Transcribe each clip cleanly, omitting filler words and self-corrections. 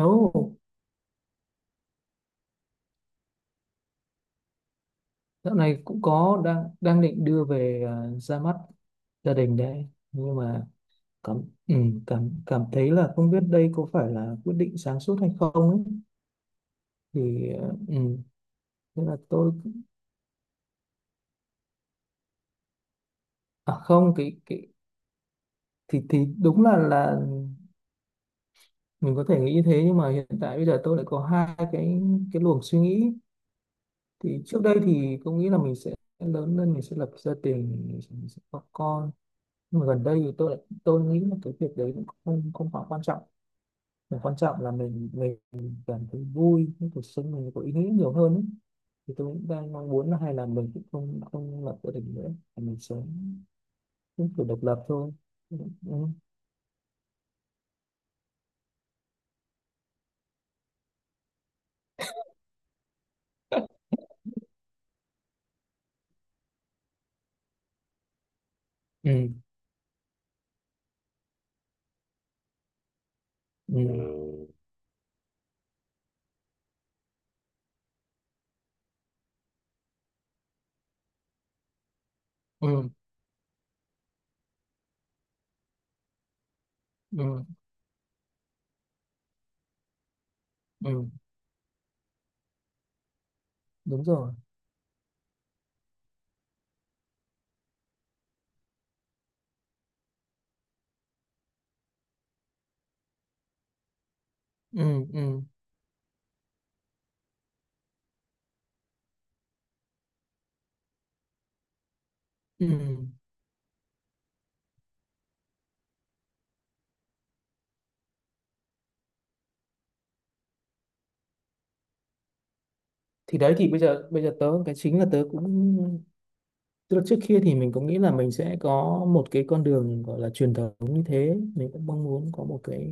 Ồ, dạo này cũng có đang đang định đưa về, à, ra mắt gia đình đấy. Nhưng mà cảm ừ, cảm cảm thấy là không biết đây có phải là quyết định sáng suốt hay không ấy. Thì thế là tôi... à không, cái thì đúng là mình có thể nghĩ như thế, nhưng mà hiện tại bây giờ tôi lại có hai cái luồng suy nghĩ. Thì trước đây thì tôi nghĩ là mình sẽ lớn lên mình sẽ lập gia đình, mình sẽ có con. Nhưng mà gần đây thì tôi lại nghĩ là cái việc đấy cũng không không quá quan trọng. Và quan trọng là mình cảm thấy vui, cái cuộc sống mình có ý nghĩa nhiều hơn ấy. Thì tôi cũng đang mong muốn là hay là mình cũng không không lập gia đình nữa, mà mình sống cũng kiểu độc lập thôi. Ừ, ừ, ừ. Ừ. Ừ, ừ. Ừ. Đúng rồi. Ừ, ừ, ừ. Thì đấy, thì bây giờ tớ cái chính là tớ cũng, tức là trước kia thì mình cũng nghĩ là mình sẽ có một cái con đường gọi là truyền thống như thế, mình cũng mong muốn có một cái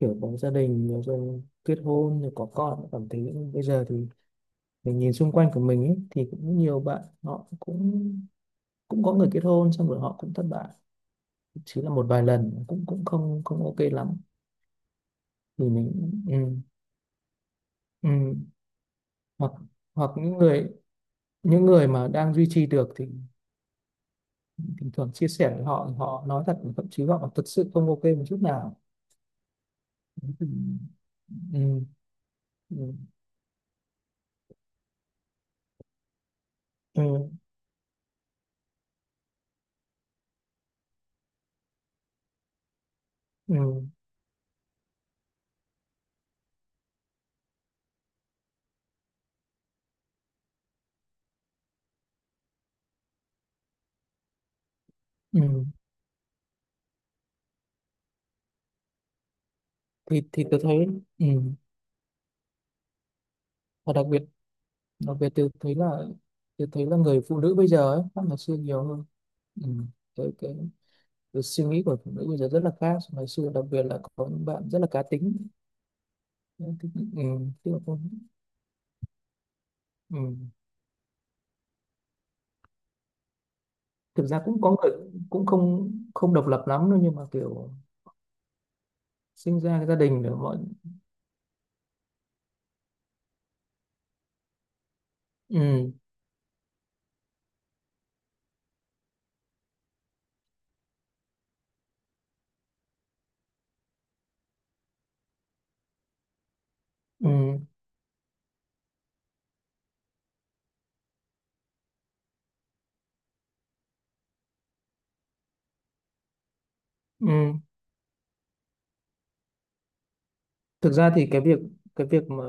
kiểu có gia đình rồi kết hôn rồi có con. Cảm thấy bây giờ thì mình nhìn xung quanh của mình ấy, thì cũng nhiều bạn họ cũng cũng có người kết hôn xong rồi họ cũng thất bại, chỉ là một vài lần, cũng cũng không không ok lắm. Thì mình, ừ, ừ. hoặc hoặc những người mà đang duy trì được, thì thỉnh thoảng chia sẻ với họ, họ nói thật, thậm chí họ thật sự không ok một chút nào. Ừ. Ừ. Ừ. Ừ. Ừ. Ừ. Thì tôi thấy, ừ. và đặc biệt Đặc biệt tôi thấy là người phụ nữ bây giờ ấy, khác ngày xưa nhiều hơn. Ừ. Cái, cái, cái suy nghĩ của phụ nữ bây giờ rất là khác so với ngày xưa, đặc biệt là có những bạn rất là cá tính. Ừ, tức là ừ. Thực ra cũng có người cũng không không độc lập lắm đâu, nhưng mà kiểu sinh ra cái gia đình để mọi... Ừ, ừ, ừ. Thực ra thì cái việc mà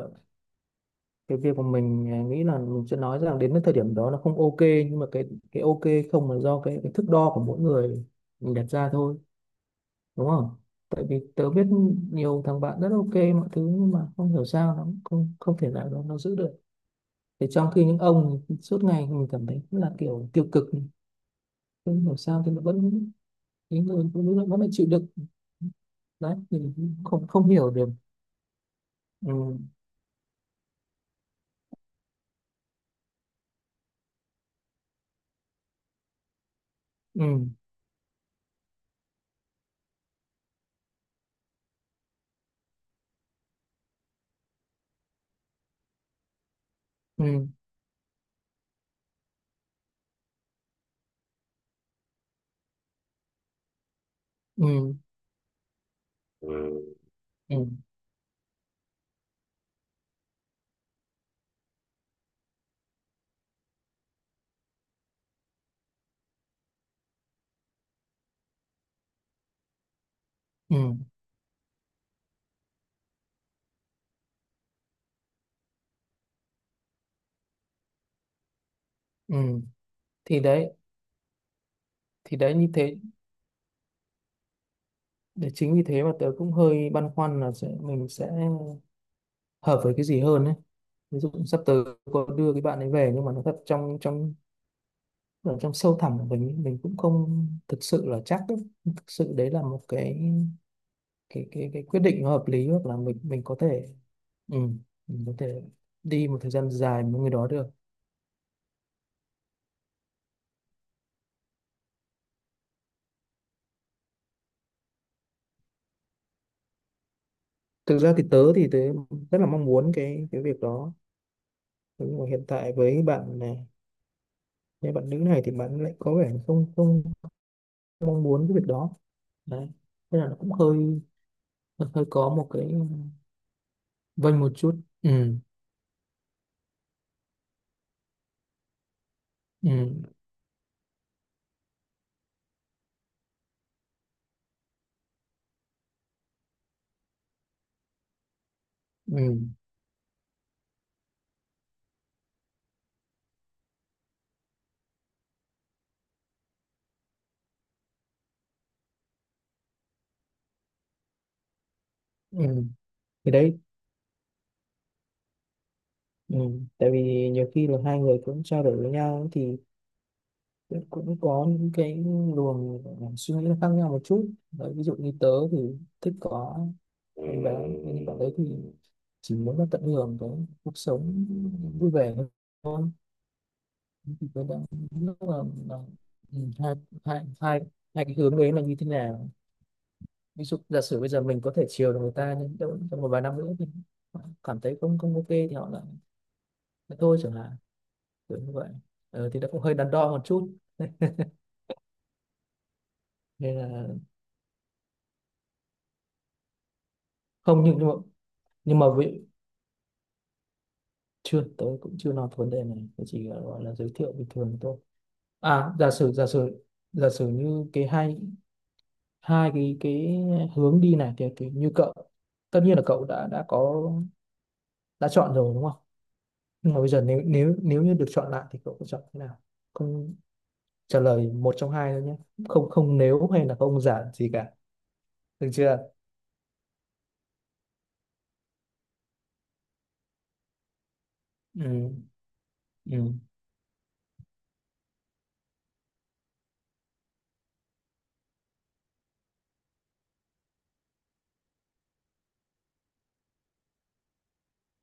cái việc mà mình, nghĩ là mình sẽ nói rằng đến cái thời điểm đó nó không ok, nhưng mà cái ok không là do cái thước đo của mỗi người mình đặt ra thôi, đúng không? Tại vì tớ biết nhiều thằng bạn rất ok mọi thứ, nhưng mà không hiểu sao nó không không thể nào nó giữ được. Thì trong khi những ông suốt ngày mình cảm thấy là kiểu tiêu cực, không hiểu sao thì nó vẫn, cái người phụ nữ nó vẫn là chịu đựng, đấy thì không không hiểu được. Ừ, ừ, ừ, ừ. Ừ. Ừ, ừ, ừ. thì đấy thì đấy như thế, để chính vì thế mà tớ cũng hơi băn khoăn là mình sẽ hợp với cái gì hơn ấy. Ví dụ sắp tới có đưa cái bạn ấy về, nhưng mà nó thật trong trong ở trong sâu thẳm của mình cũng không thực sự là chắc ấy. Thực sự đấy là một cái quyết định nó hợp lý, hoặc là mình có thể, ừ, mình có thể đi một thời gian dài với người đó được. Thực ra thì tớ rất là mong muốn cái việc đó. Thế nhưng mà hiện tại với bạn này, với bạn nữ này thì bạn lại có vẻ không không mong muốn cái việc đó, đấy, thế là nó cũng hơi hơi có một cái vênh một chút, ừ. Ừ, ừ. Ừ. Thì đấy, ừ. Tại vì nhiều khi là hai người cũng trao đổi với nhau thì cũng cũng có những cái luồng suy nghĩ nó khác nhau một chút đấy, ví dụ như tớ thì thích có em bé, nhưng bạn đấy thì chỉ muốn nó tận hưởng cái cuộc sống vui vẻ thôi. Thì tớ đang lúc là, ừ, hai, hai, hai cái hướng đấy là như thế nào. Ví dụ giả sử bây giờ mình có thể chiều được người ta, nhưng trong một vài năm nữa thì cảm thấy không không ok thì họ lại lại thôi chẳng hạn. Đúng vậy. Thì nó cũng hơi đắn đo một chút. Nên là không, nhưng nhưng mà với, chưa, tôi cũng chưa nói vấn đề này. Tôi chỉ gọi là giới thiệu bình thường thôi. À, giả sử như cái hai hai cái hướng đi này thì như cậu tất nhiên là cậu đã có, đã chọn rồi đúng không? Nhưng mà bây giờ nếu nếu nếu như được chọn lại thì cậu sẽ chọn thế nào? Không trả lời một trong hai thôi nhé. Không, không nếu hay là không giả gì cả. Được chưa? Ừ. Ừ.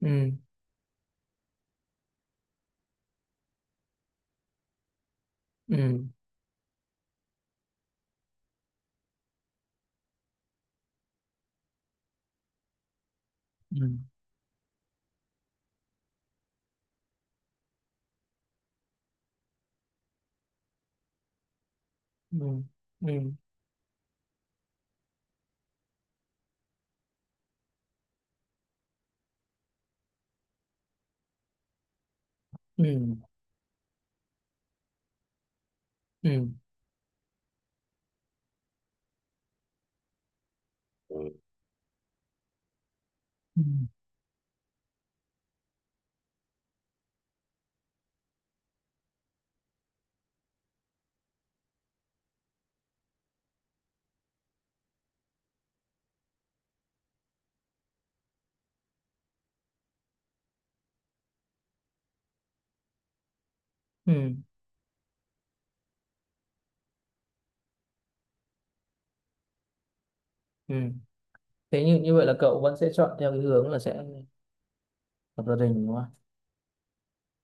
Ừ. Ừ. Ừ. Ừ, ừ, ừ, ừ. Ừ. Ừ, ừ, ừ. Thế như như vậy là cậu vẫn sẽ chọn theo cái hướng là sẽ lập gia đình đúng không,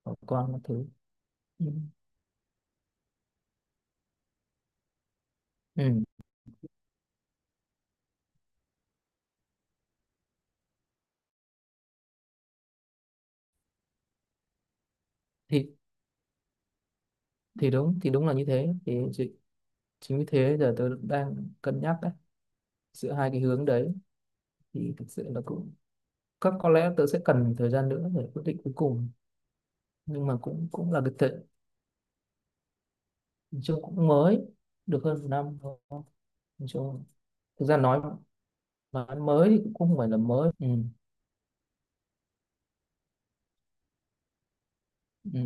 có con các thứ. Ừ. Ừ. thì thì đúng là như thế thì chính vì thế giờ tớ đang cân nhắc đấy, giữa hai cái hướng đấy thì thực sự là cũng, có lẽ tớ sẽ cần thời gian nữa để quyết định cuối cùng. Nhưng mà cũng cũng là cái tệ, nói chung cũng mới được hơn một năm thôi. Nói chung thực ra nói, mà nói mới thì cũng không phải là mới, ừ. Ừ.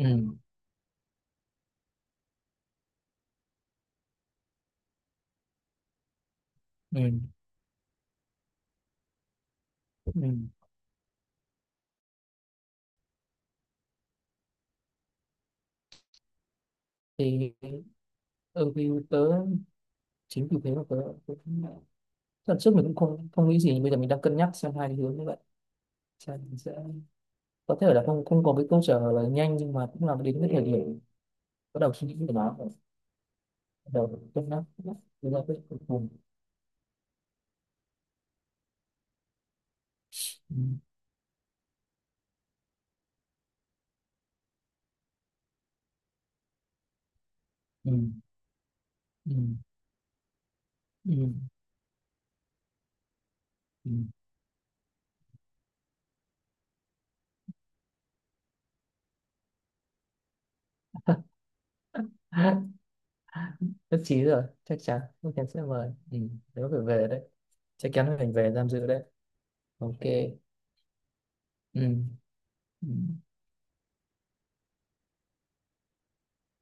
Ừ, ừ, ừ. Thì ừ, thì tớ, chính vì thế mà tớ cũng, lần trước mình cũng không không nghĩ gì, bây giờ mình đang cân nhắc xem hai cái hướng như vậy, xem mình sẽ, có thể là không không có cái câu trả lời nhanh, nhưng mà cũng là đến cái thời điểm bắt đầu suy nghĩ về nó, bắt đầu cân nhắc, đưa ra quyết định cuối cùng. Ừ, ừ, ừ, ừ, ừ. Nhất trí rồi, chắc chắn sẽ mời, ừ, nếu phải về đấy chắc chắn là mình về tham dự đấy. Ok. Ừ. Ừ.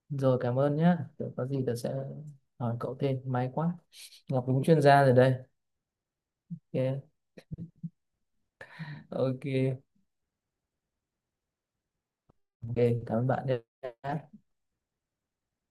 Rồi, cảm ơn nhé. Có gì tớ sẽ hỏi cậu thêm. May quá. Ngọc đúng chuyên gia rồi đây. Ok. Ok. Ok. Cảm ơn bạn nhé.